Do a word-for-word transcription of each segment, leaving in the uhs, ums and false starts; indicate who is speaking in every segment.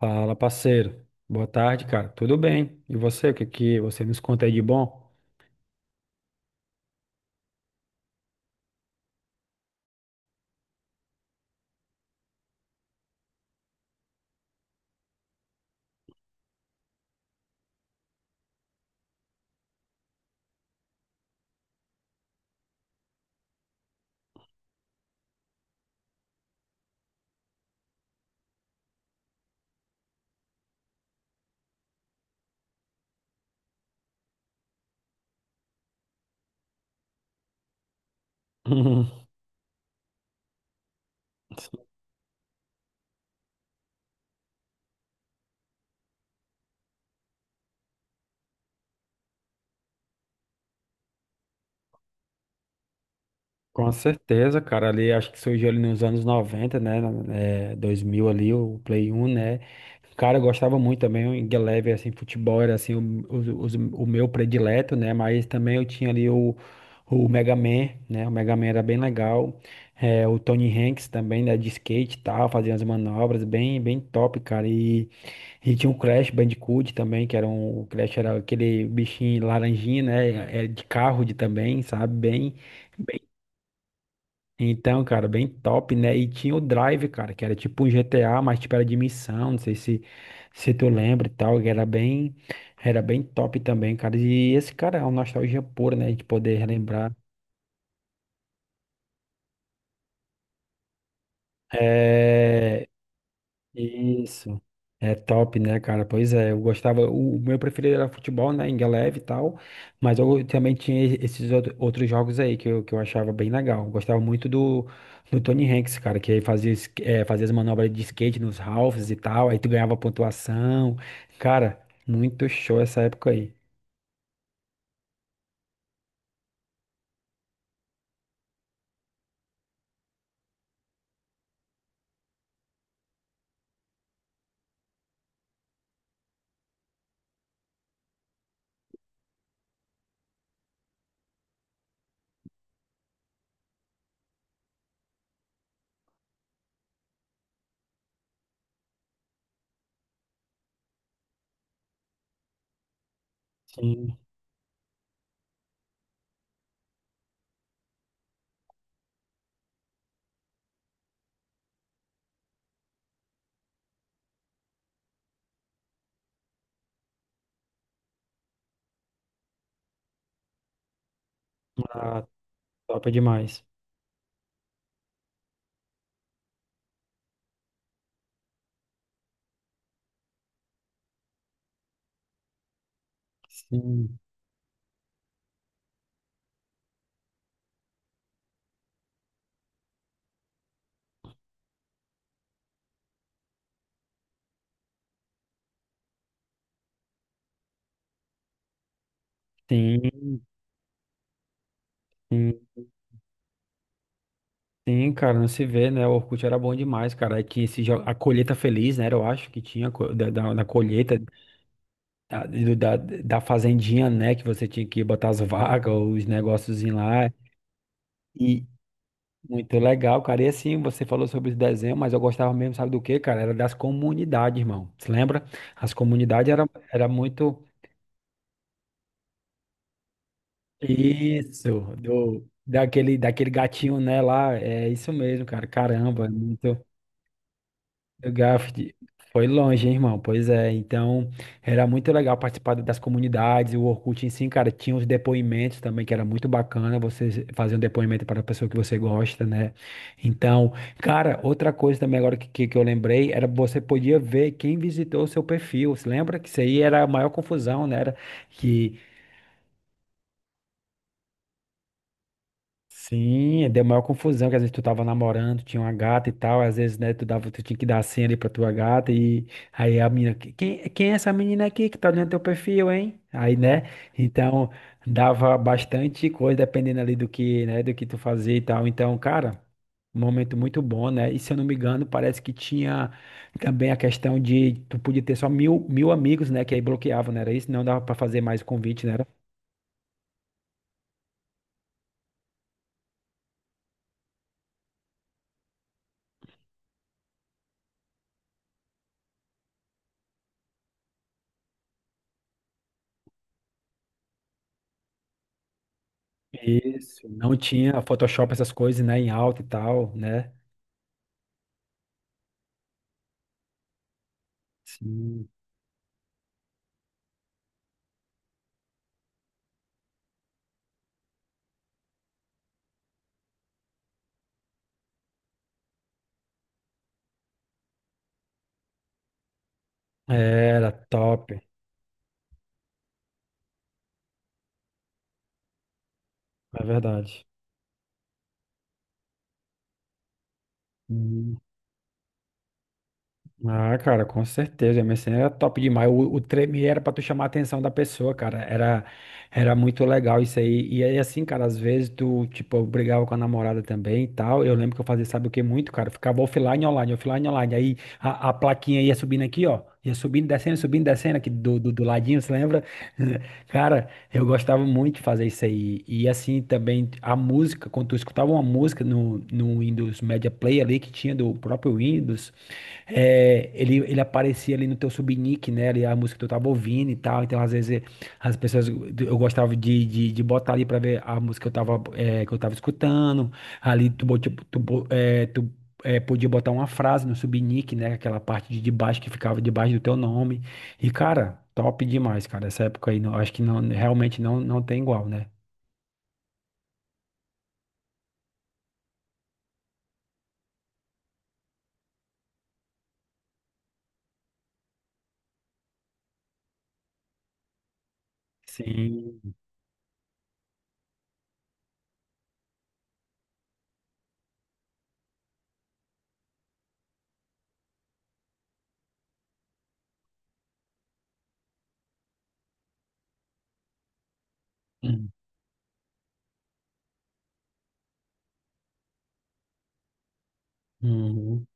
Speaker 1: Fala, parceiro. Boa tarde, cara. Tudo bem? E você? O que que você nos conta aí de bom? Uhum. Com certeza, cara. Ali acho que surgiu ali nos anos noventa, né? na- É, dois mil ali, o Play um, né? Cara, eu gostava muito também. O Ingeleve, assim, futebol era assim, o, o, os- o meu predileto, né? Mas também eu tinha ali o, o Mega Man, né? O Mega Man era bem legal. É, o Tony Hanks também, né? De skate e tal, fazia as manobras bem, bem top, cara. E tinha um Crash Bandicoot também, que era um. O Crash era aquele bichinho laranjinha, né? É de carro de também, sabe? Bem, bem. Então, cara, bem top, né? E tinha o Drive, cara, que era tipo um G T A, mas tipo era de missão, não sei se, se tu lembra e tal, que era bem, era bem top também, cara. E esse cara é uma nostalgia pura, né? De poder relembrar. É. Isso. É top, né, cara? Pois é, eu gostava. O, o meu preferido era futebol, né? Ingeleve e tal. Mas eu também tinha esses outro- outros jogos aí que eu, que eu achava bem legal. Gostava muito do, do Tony Hanks, cara, que aí fazia, es- eh, fazia as manobras de skate nos halves e tal. Aí tu ganhava pontuação. Cara, muito show essa época aí. Sim. Ah, top demais. Sim. Sim. Sim. Sim, cara, não se vê, né? O Orkut era bom demais, cara. Aí tinha esse, jo- a colheita feliz, né? Eu acho que tinha co- da, da, da colheita da, do- da, da fazendinha, né? Que você tinha que botar as vagas, os negócios lá. E muito legal, cara. E assim, você falou sobre os desenhos, mas eu gostava mesmo, sabe do quê, cara? Era das comunidades, irmão. Você lembra? As comunidades era, era muito. Isso, do, daquele, daquele gatinho, né? Lá, é isso mesmo, cara. Caramba, é muito. O Garfield foi longe, hein, irmão? Pois é, então era muito legal participar das comunidades. O Orkut em si, cara, tinha os depoimentos também, que era muito bacana você fazer um depoimento para a pessoa que você gosta, né? Então, cara, outra coisa também agora que, que, que eu lembrei, era você podia ver quem visitou o seu perfil. Você lembra que isso aí era a maior confusão, né? Era que Sim, deu maior confusão, que às vezes tu tava namorando, tinha uma gata e tal, às vezes, né, tu dava, tu tinha que dar a senha ali pra tua gata e aí a menina: "Que- quem, quem é essa menina aqui que tá olhando teu perfil, hein?" Aí, né, então dava bastante coisa dependendo ali do que, né, do que tu fazia e tal. Então, cara, um momento muito bom, né? E se eu não me engano, parece que tinha também a questão de tu podia ter só mil, mil amigos, né, que aí bloqueavam, não era isso? Não dava pra fazer mais convite, né? Isso, não tinha Photoshop, essas coisas, né, em alta e tal, né? Sim. Era top, é verdade. Uhum. Ah, cara, com certeza. O M S N era top demais. O, o treme era pra tu chamar a atenção da pessoa, cara. Era, era muito legal isso aí. E aí, assim, cara, às vezes tu, tipo, eu brigava com a namorada também e tal. Eu lembro que eu fazia, sabe o que muito, cara? Eu ficava offline, online, offline, online. Aí a, a plaquinha ia subindo aqui, ó. Ia subindo, descendo, subindo, descendo aqui do, do, do ladinho, você lembra? Cara, eu gostava muito de fazer isso aí. E assim também a música, quando tu escutava uma música no, no Windows Media Player ali que tinha do próprio Windows. É, ele, ele aparecia ali no teu subnick, né? Ali a música que tu tava ouvindo e tal. Então, às vezes, as pessoas. Eu gostava de, de, de botar ali pra ver a música que eu tava, é, que eu tava, escutando. Ali tu, bot- tu, bo- é, tu é, podia botar uma frase no subnick, né? Aquela parte de debaixo que ficava debaixo do teu nome. E, cara, top demais, cara. Essa época aí, não, acho que não, realmente não, não tem igual, né? Sim. Uhum.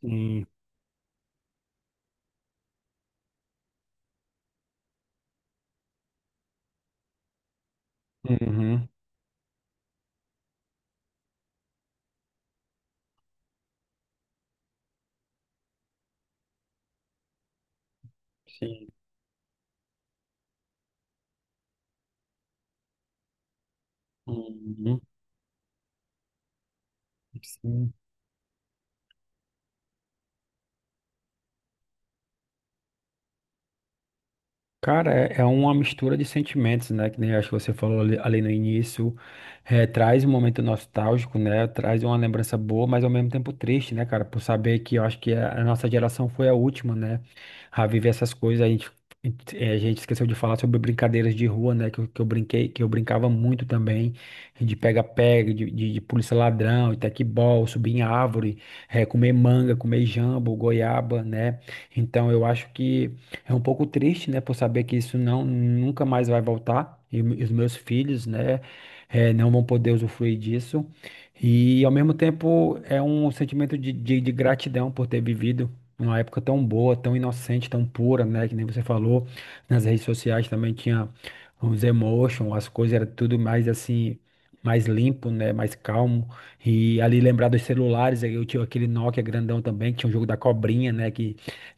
Speaker 1: Sim. Uhum. Sim. Uhum. Sim. Cara, é é uma mistura de sentimentos, né? Que nem acho que você falou ali, ali no início. Eh, traz um momento nostálgico, né? Traz uma lembrança boa, mas ao mesmo tempo triste, né, cara? Por saber que eu acho que a a nossa geração foi a última, né? A viver essas coisas. A gente, eh, a gente esqueceu de falar sobre brincadeiras de rua, né? Que, eu- que eu brinquei, que eu brincava muito também, de pega-pega, de, de, de polícia-ladrão, de tecbol, subir em árvore, eh, comer manga, comer jambo, goiaba, né? Então eu acho que. É um pouco triste, né, por saber que isso não nunca mais vai voltar e, m- os meus filhos, né, eh, não vão poder usufruir disso. E ao mesmo tempo é um sentimento de, de, de gratidão por ter vivido uma época tão boa, tão inocente, tão pura, né, que nem você falou. Nas redes sociais também tinha os emotions, as coisas era tudo mais assim, mais limpo, né, mais calmo. E ali lembrar dos celulares, aí eu tinha aquele Nokia grandão também, que tinha o jogo da cobrinha, né,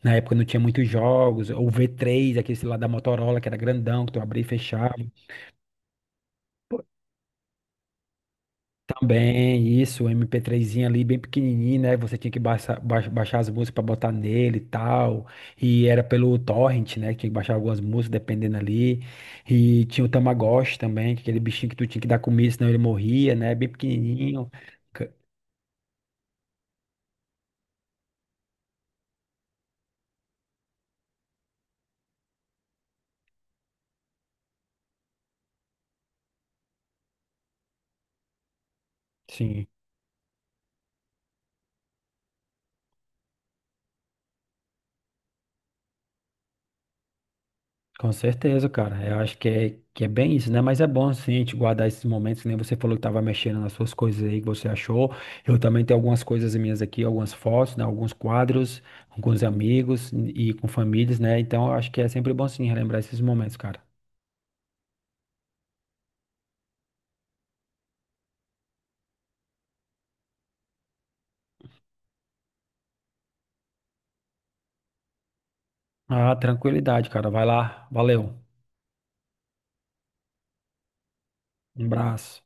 Speaker 1: na época não tinha muitos jogos, ou V três, aquele lá da Motorola, que era grandão, que tu abria e fechava. Pô, também, isso, o M P três zinho ali, bem pequenininho, né? Você tinha que baixar, baix- baixar as músicas pra botar nele e tal. E era pelo torrent, né? Que tinha que baixar algumas músicas, dependendo ali. E tinha o Tamagotchi também, que é aquele bichinho que tu tinha que dar comida, senão ele morria, né? Bem pequenininho. Ca- Sim. Com certeza, cara. Eu acho que é, que é, bem isso, né? Mas é bom, sim, a gente guardar esses momentos. Que nem você falou que tava mexendo nas suas coisas aí que você achou. Eu também tenho algumas coisas minhas aqui, algumas fotos, né? Alguns quadros, alguns amigos e com famílias, né? Então, eu acho que é sempre bom, sim, relembrar esses momentos, cara. Ah, tranquilidade, cara. Vai lá. Valeu. Um abraço.